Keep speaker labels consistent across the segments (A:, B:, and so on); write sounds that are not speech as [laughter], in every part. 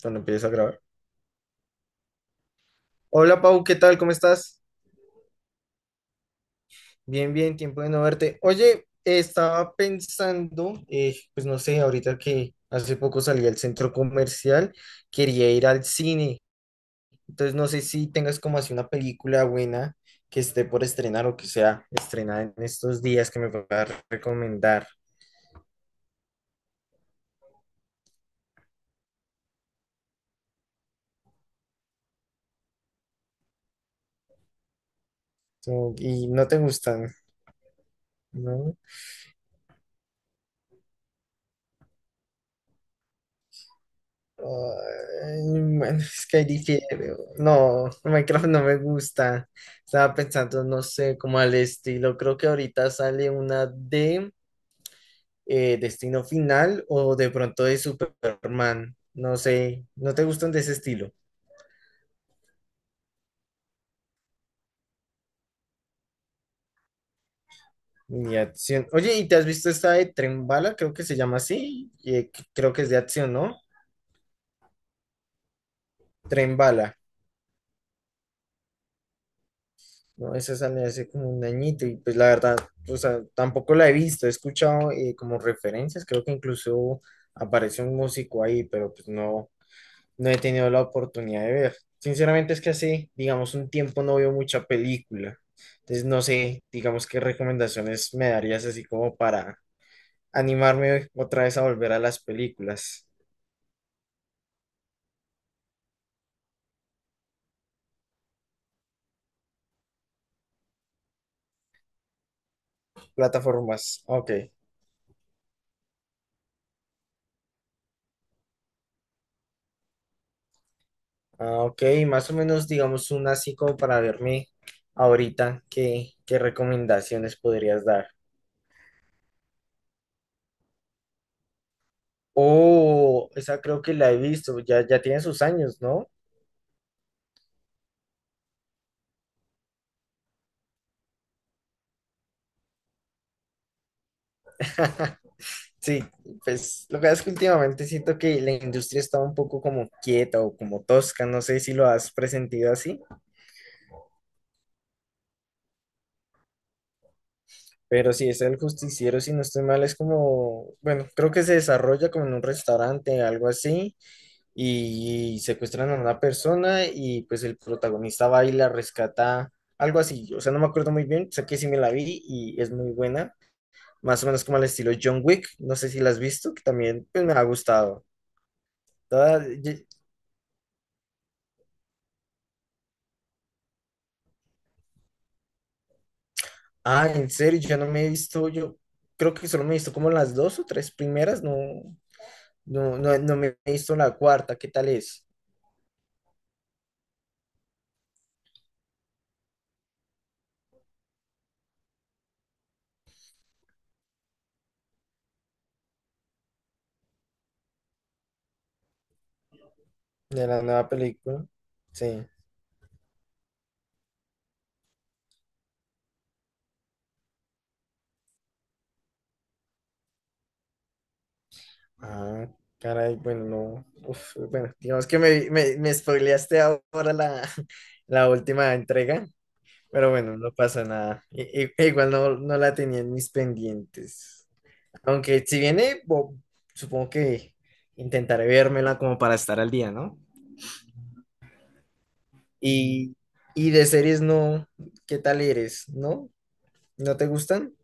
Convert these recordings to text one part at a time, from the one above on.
A: Cuando empieces a grabar. Hola Pau, ¿qué tal? ¿Cómo estás? Bien, bien, tiempo de no verte. Oye, estaba pensando, pues no sé, ahorita que hace poco salí al centro comercial, quería ir al cine. Entonces no sé si tengas como así una película buena que esté por estrenar o que sea estrenada en estos días que me puedas recomendar. So, y no te gustan, ¿no? Ay, bueno, es que ahí dije, no, Minecraft no me gusta. Estaba pensando, no sé, como al estilo. Creo que ahorita sale una de Destino Final o de pronto de Superman. No sé, no te gustan de ese estilo. Ni acción. Oye, ¿y te has visto esta de Tren Bala? Creo que se llama así. Y, creo que es de acción, ¿no? Tren Bala. No, esa salió hace como un añito y pues la verdad, o sea, tampoco la he visto, he escuchado como referencias, creo que incluso aparece un músico ahí, pero pues no, no he tenido la oportunidad de ver. Sinceramente es que hace, digamos, un tiempo no veo mucha película, entonces no sé, digamos, qué recomendaciones me darías así como para animarme otra vez a volver a las películas, plataformas, ok. Ah, ok, más o menos, digamos, una así como para verme ahorita, ¿qué recomendaciones podrías dar? Oh, esa creo que la he visto, ya, ya tiene sus años, ¿no? [laughs] Sí, pues lo que pasa es que últimamente siento que la industria está un poco como quieta o como tosca, no sé si lo has presentido así, pero sí, es el justiciero, si no estoy mal, es como, bueno, creo que se desarrolla como en un restaurante, algo así, y secuestran a una persona y pues el protagonista va y la rescata, algo así, o sea, no me acuerdo muy bien, sé que sí me la vi y es muy buena, más o menos como al estilo John Wick, no sé si la has visto, que también pues, me ha gustado. Toda- ye- Ah, en serio, yo no me he visto, yo creo que solo me he visto como las dos o tres primeras, no, no me he visto la cuarta, ¿qué tal es? De la nueva película, sí. Ah, caray, bueno, no. Uf, bueno, digamos que me spoileaste ahora la, [laughs] la última entrega, pero bueno, no pasa nada. Igual no, no la tenía en mis pendientes. Aunque si viene, supongo que intentaré vérmela como para estar al día, ¿no? Y, y de series no, ¿qué tal eres? ¿No? ¿No te gustan?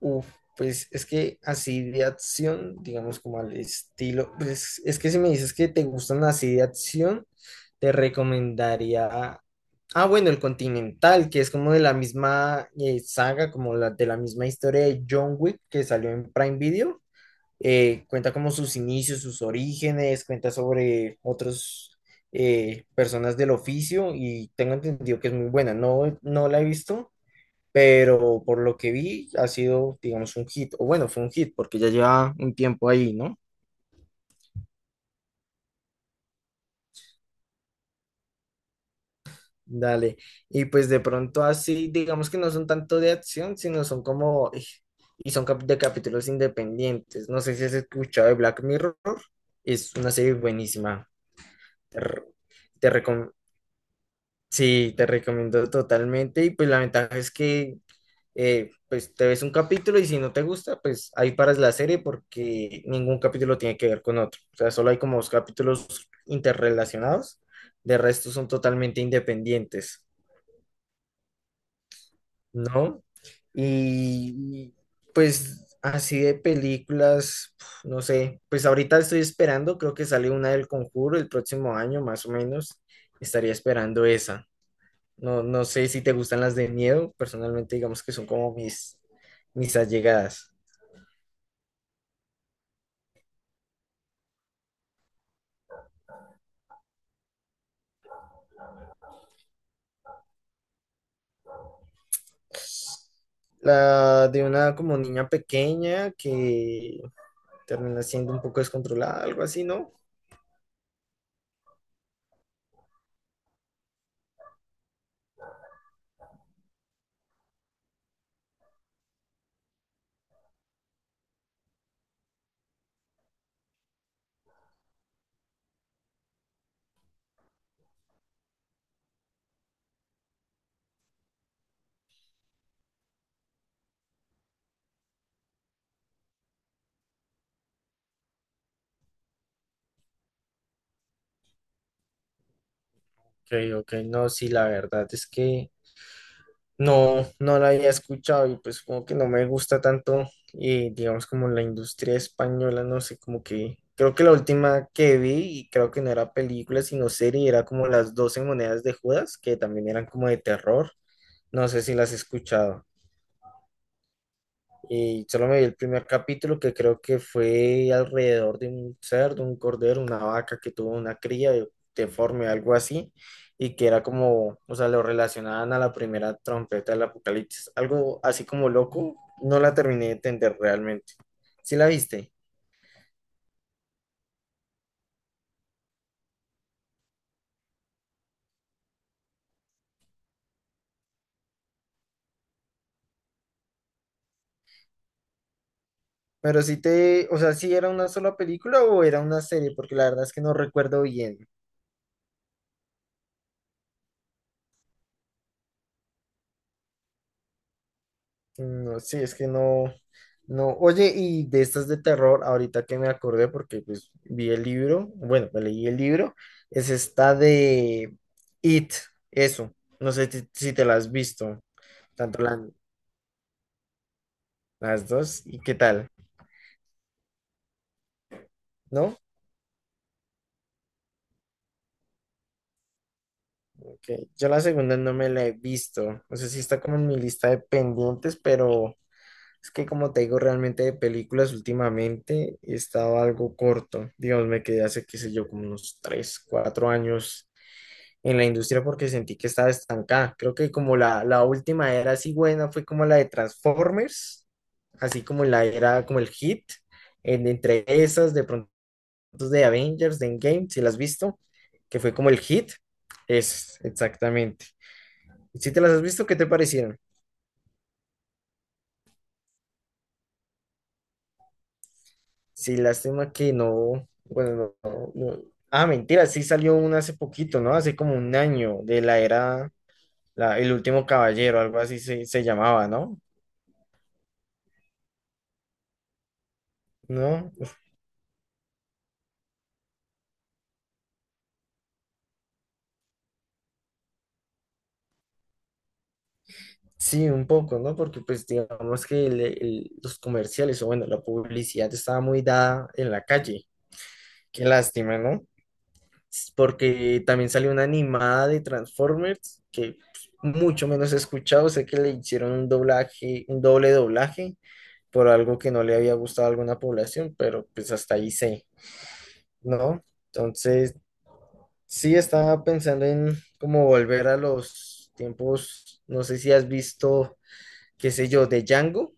A: Uf, pues es que así de acción, digamos como al estilo, pues es que si me dices que te gustan así de acción, te recomendaría, ah bueno, el Continental, que es como de la misma saga, como la, de la misma historia de John Wick que salió en Prime Video. Cuenta como sus inicios, sus orígenes, cuenta sobre otros personas del oficio y tengo entendido que es muy buena, no, no la he visto pero por lo que vi ha sido, digamos, un hit, o bueno, fue un hit porque ya lleva un tiempo ahí, ¿no? Dale, y pues de pronto así, digamos que no son tanto de acción, sino son como, ej, y son de capítulos independientes, no sé si has escuchado de Black Mirror, es una serie buenísima, te, re- te recom- sí, te recomiendo totalmente, y pues la ventaja es que pues te ves un capítulo y si no te gusta, pues ahí paras la serie porque ningún capítulo tiene que ver con otro. O sea, solo hay como dos capítulos interrelacionados, de resto son totalmente independientes, ¿no? Y pues así de películas, pf, no sé, pues ahorita estoy esperando, creo que sale una del Conjuro el próximo año, más o menos, estaría esperando esa. No, no sé si te gustan las de miedo, personalmente digamos que son como mis, mis allegadas. La de una como niña pequeña que termina siendo un poco descontrolada, algo así, ¿no? Ok, ok, no, sí, la verdad es que no, no la había escuchado y pues como que no me gusta tanto, digamos como la industria española, no sé, como que creo que la última que vi y creo que no era película sino serie, era como las 12 monedas de Judas, que también eran como de terror, no sé si las has escuchado. Y solo me vi el primer capítulo que creo que fue alrededor de un cerdo, un cordero, una vaca que tuvo una cría deforme, algo así, y que era como, o sea, lo relacionaban a la primera trompeta del apocalipsis, algo así como loco, no la terminé de entender realmente. ¿Sí la viste? Pero sí te, o sea, ¿sí era una sola película o era una serie? Porque la verdad es que no recuerdo bien. No, sí, es que no, no. Oye, y de estas de terror, ahorita que me acordé, porque pues vi el libro, bueno, me leí el libro, es esta de It, eso. No sé si te la has visto, tanto la- las dos, ¿y qué tal? ¿No? Ok, yo la segunda no me la he visto. No sé si está como en mi lista de pendientes, pero es que como te digo, realmente de películas últimamente he estado algo corto. Digamos, me quedé hace, qué sé yo, como unos 3 4 años en la industria porque sentí que estaba estancada. Creo que como la última era así buena fue como la de Transformers, así como la era como el hit, entre esas de pronto de Avengers, de Endgame, si las has visto, que fue como el hit, es exactamente. Si te las has visto, ¿qué te parecieron? Sí, lástima que no, bueno, no, no. Ah, mentira, sí salió una hace poquito, ¿no? Hace como un año de la era, El Último Caballero, algo así se, se llamaba, ¿no? ¿No? Sí, un poco, ¿no? Porque pues digamos que los comerciales o bueno, la publicidad estaba muy dada en la calle. Qué lástima, ¿no? S- porque también salió una animada de Transformers que pues, mucho menos he escuchado. Sé que le hicieron un doblaje, un doble doblaje por algo que no le había gustado a alguna población, pero pues hasta ahí sé, ¿no? Entonces, sí estaba pensando en cómo volver a los tiempos, no sé si has visto, qué sé yo, de Django.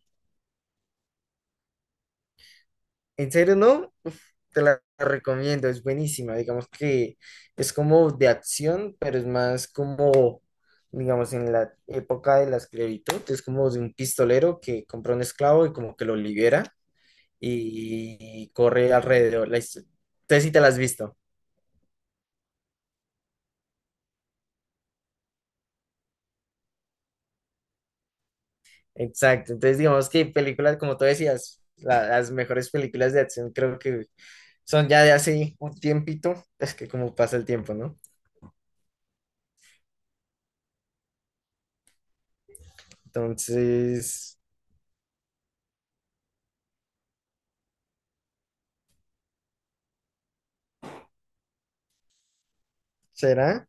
A: ¿En serio no? Uf, te la recomiendo, es buenísima. Digamos que es como de acción, pero es más como, digamos, en la época de la esclavitud, es como de un pistolero que compra un esclavo y como que lo libera y corre alrededor. Entonces si te la has visto. Exacto. Entonces digamos que películas, como tú decías, las mejores películas de acción creo que son ya de hace un tiempito. Es que como pasa el tiempo, ¿no? Entonces, ¿será?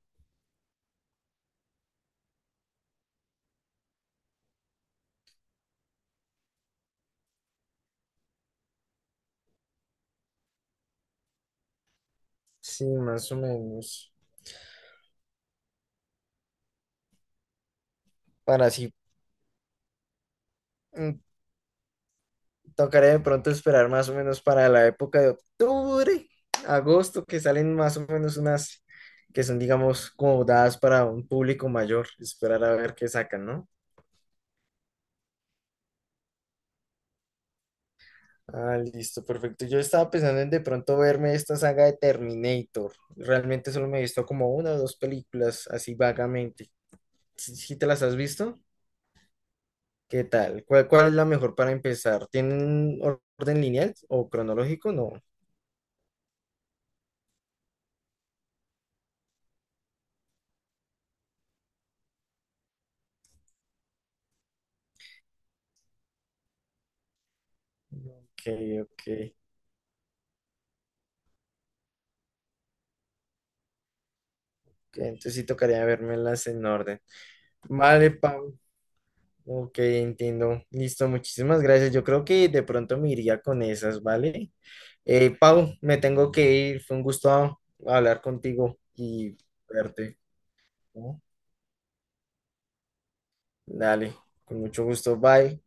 A: Sí, más o menos. Para así, mm, tocaría de pronto esperar más o menos para la época de octubre, agosto, que salen más o menos unas que son, digamos, como dadas para un público mayor. Esperar a ver qué sacan, ¿no? Ah, listo, perfecto. Yo estaba pensando en de pronto verme esta saga de Terminator. Realmente solo me he visto como una o dos películas, así vagamente. ¿Sí sí te las has visto? ¿Qué tal? ¿Cuál es la mejor para empezar? ¿Tienen orden lineal o cronológico? No. Ok. Ok. Entonces sí tocaría vermelas en orden. Vale, Pau. Ok, entiendo. Listo, muchísimas gracias. Yo creo que de pronto me iría con esas, ¿vale? Pau, me tengo que ir. Fue un gusto hablar contigo y verte, ¿no? Dale, con mucho gusto. Bye.